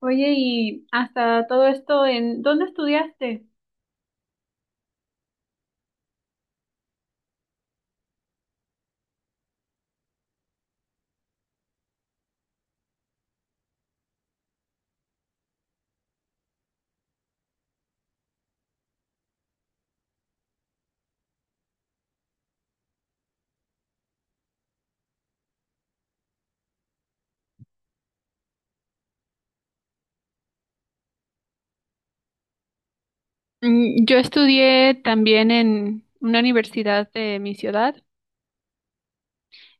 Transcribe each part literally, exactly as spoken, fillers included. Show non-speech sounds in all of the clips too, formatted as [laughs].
Oye, y hasta todo esto, ¿en dónde estudiaste? Mm, Yo estudié también en una universidad de mi ciudad,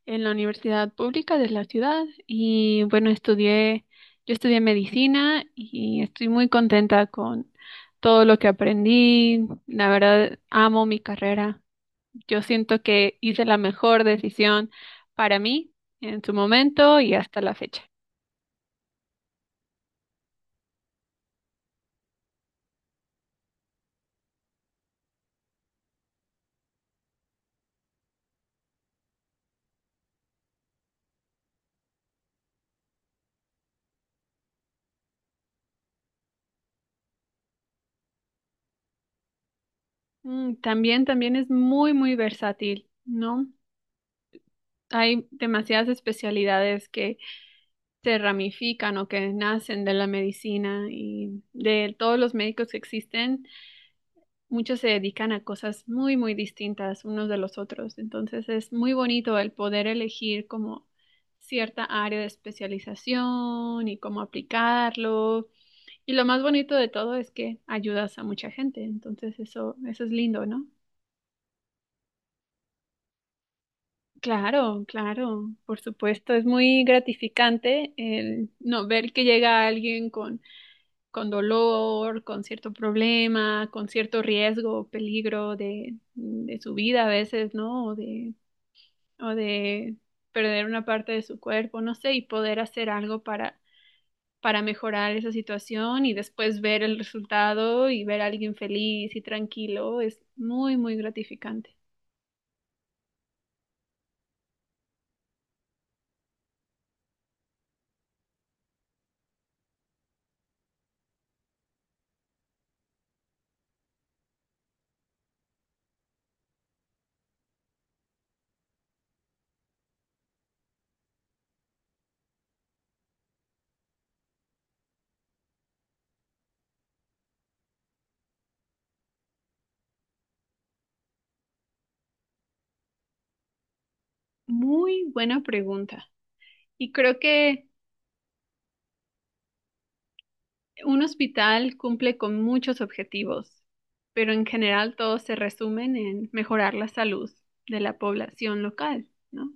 en la universidad pública de la ciudad, y bueno, estudié, yo estudié medicina y estoy muy contenta con todo lo que aprendí. La verdad, amo mi carrera. Yo siento que hice la mejor decisión para mí en su momento y hasta la fecha. Mm, También, también es muy, muy versátil, ¿no? Hay demasiadas especialidades que se ramifican o que nacen de la medicina y de todos los médicos que existen, muchos se dedican a cosas muy, muy distintas unos de los otros. Entonces es muy bonito el poder elegir como cierta área de especialización y cómo aplicarlo. Y lo más bonito de todo es que ayudas a mucha gente. Entonces eso, eso es lindo, ¿no? Claro, claro, por supuesto, es muy gratificante el no ver que llega alguien con, con dolor, con cierto problema, con cierto riesgo, peligro de, de su vida a veces, ¿no? O de, o de perder una parte de su cuerpo, no sé, y poder hacer algo para, para mejorar esa situación y después ver el resultado y ver a alguien feliz y tranquilo es muy, muy gratificante. Muy buena pregunta. Y creo que un hospital cumple con muchos objetivos, pero en general todos se resumen en mejorar la salud de la población local, ¿no?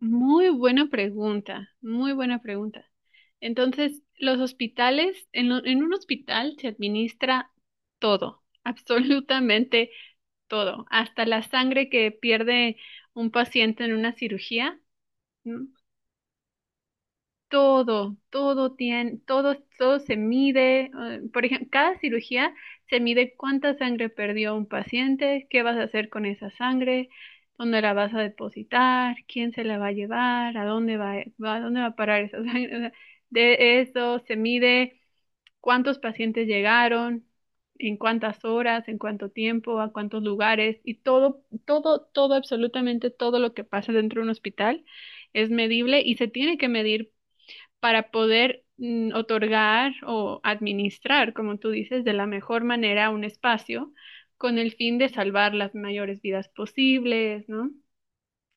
Muy buena pregunta, muy buena pregunta. Entonces, los hospitales, en, lo- en un hospital se administra todo, [laughs] absolutamente todo, hasta la sangre que pierde un paciente en una cirugía, ¿no? Todo, todo tiene, todo, todo se mide. eh, Por ejemplo, cada cirugía se mide cuánta sangre perdió un paciente, qué vas a hacer con esa sangre, dónde la vas a depositar, quién se la va a llevar, a dónde va, va- a dónde va a parar esa [laughs] sangre. O sea, de eso se mide cuántos pacientes llegaron, en cuántas horas, en cuánto tiempo, a cuántos lugares y todo, todo, todo, absolutamente todo lo que pasa dentro de un hospital es medible y se tiene que medir para poder mm, otorgar o administrar, como tú dices, de la mejor manera un espacio con el fin de salvar las mayores vidas posibles, ¿no?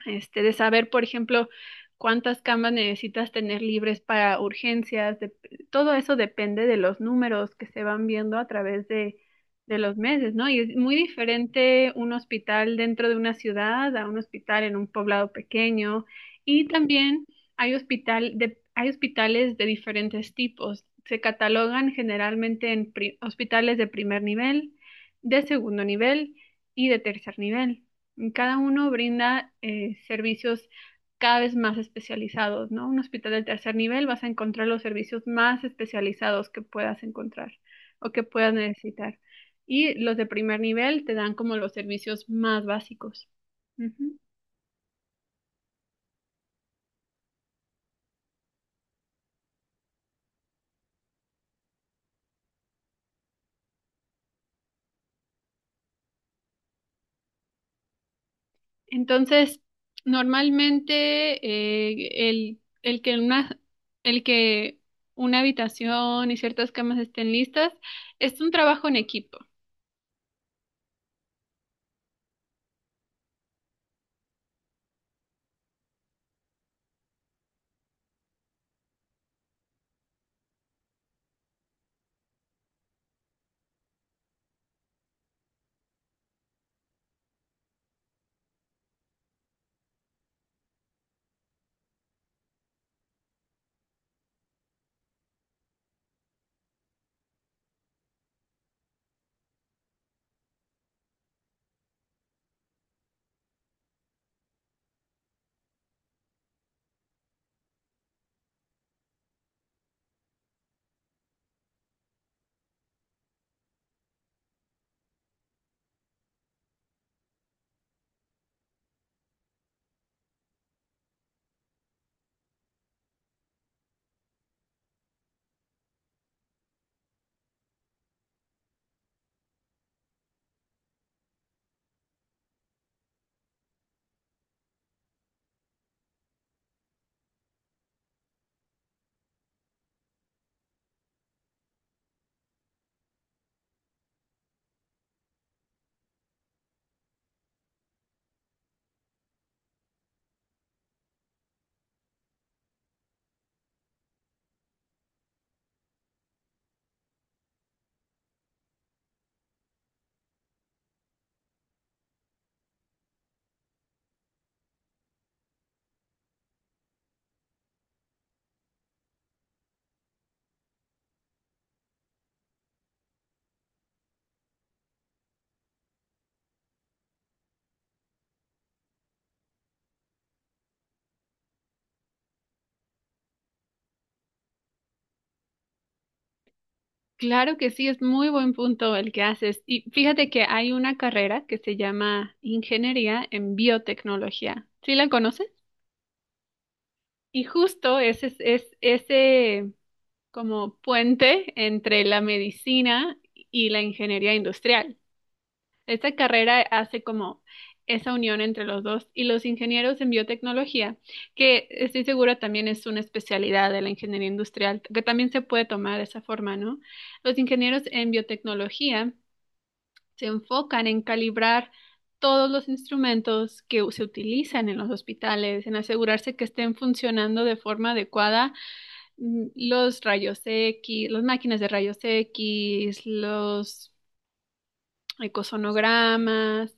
Este, de saber, por ejemplo, cuántas camas necesitas tener libres para urgencias, de- todo eso depende de los números que se van viendo a través de, de los meses, ¿no? Y es muy diferente un hospital dentro de una ciudad a un hospital en un poblado pequeño. Y también hay hospital de, hay hospitales de diferentes tipos. Se catalogan generalmente en pri- hospitales de primer nivel, de segundo nivel y de tercer nivel. Cada uno brinda eh, servicios cada vez más especializados, ¿no? Un hospital del tercer nivel vas a encontrar los servicios más especializados que puedas encontrar o que puedas necesitar. Y los de primer nivel te dan como los servicios más básicos. Ujú. Entonces, normalmente eh, el, el que una, el que una habitación y ciertas camas estén listas es un trabajo en equipo. Claro que sí, es muy buen punto el que haces. Y fíjate que hay una carrera que se llama Ingeniería en Biotecnología. ¿Sí la conoces? Y justo ese es, es ese como puente entre la medicina y la ingeniería industrial. Esta carrera hace como esa unión entre los dos y los ingenieros en biotecnología, que estoy segura también es una especialidad de la ingeniería industrial, que también se puede tomar de esa forma, ¿no? Los ingenieros en biotecnología se enfocan en calibrar todos los instrumentos que se utilizan en los hospitales, en asegurarse que estén funcionando de forma adecuada, mm, los rayos equis, las máquinas de rayos equis, los ecosonogramas,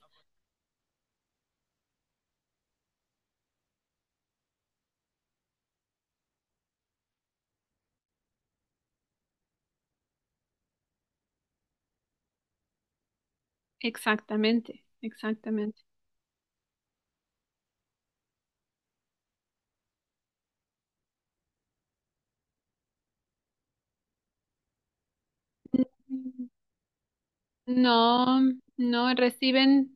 exactamente, exactamente. No, no, reciben,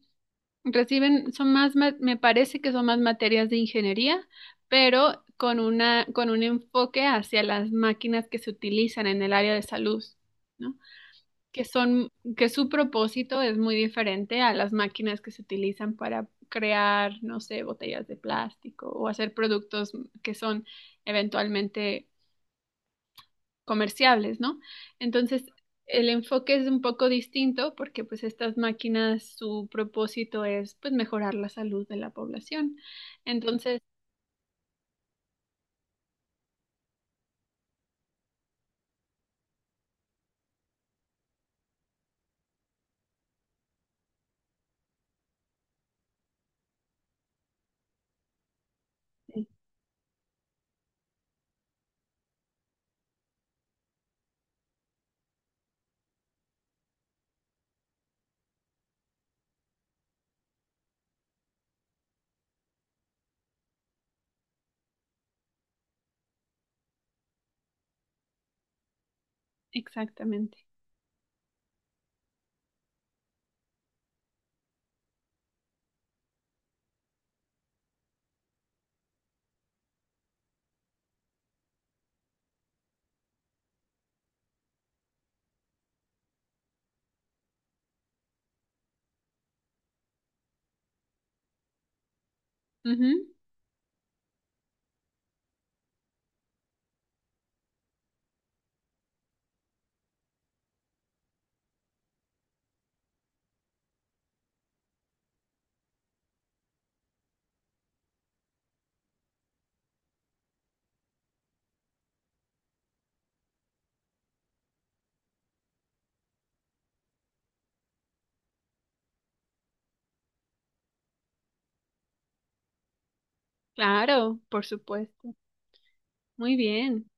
reciben, son más, ma- me parece que son más materias de ingeniería, pero con una, con un enfoque hacia las máquinas que se utilizan en el área de salud, ¿no? Que son, que su propósito es muy diferente a las máquinas que se utilizan para crear, no sé, botellas de plástico o hacer productos que son eventualmente comerciables, ¿no? Entonces, el enfoque es un poco distinto porque pues estas máquinas, su propósito es pues mejorar la salud de la población. Entonces, sí, exactamente. Ujú, claro, por supuesto. Muy bien.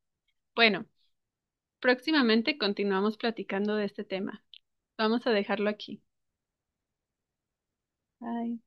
Bueno, próximamente continuamos platicando de este tema. Vamos a dejarlo aquí. Bye.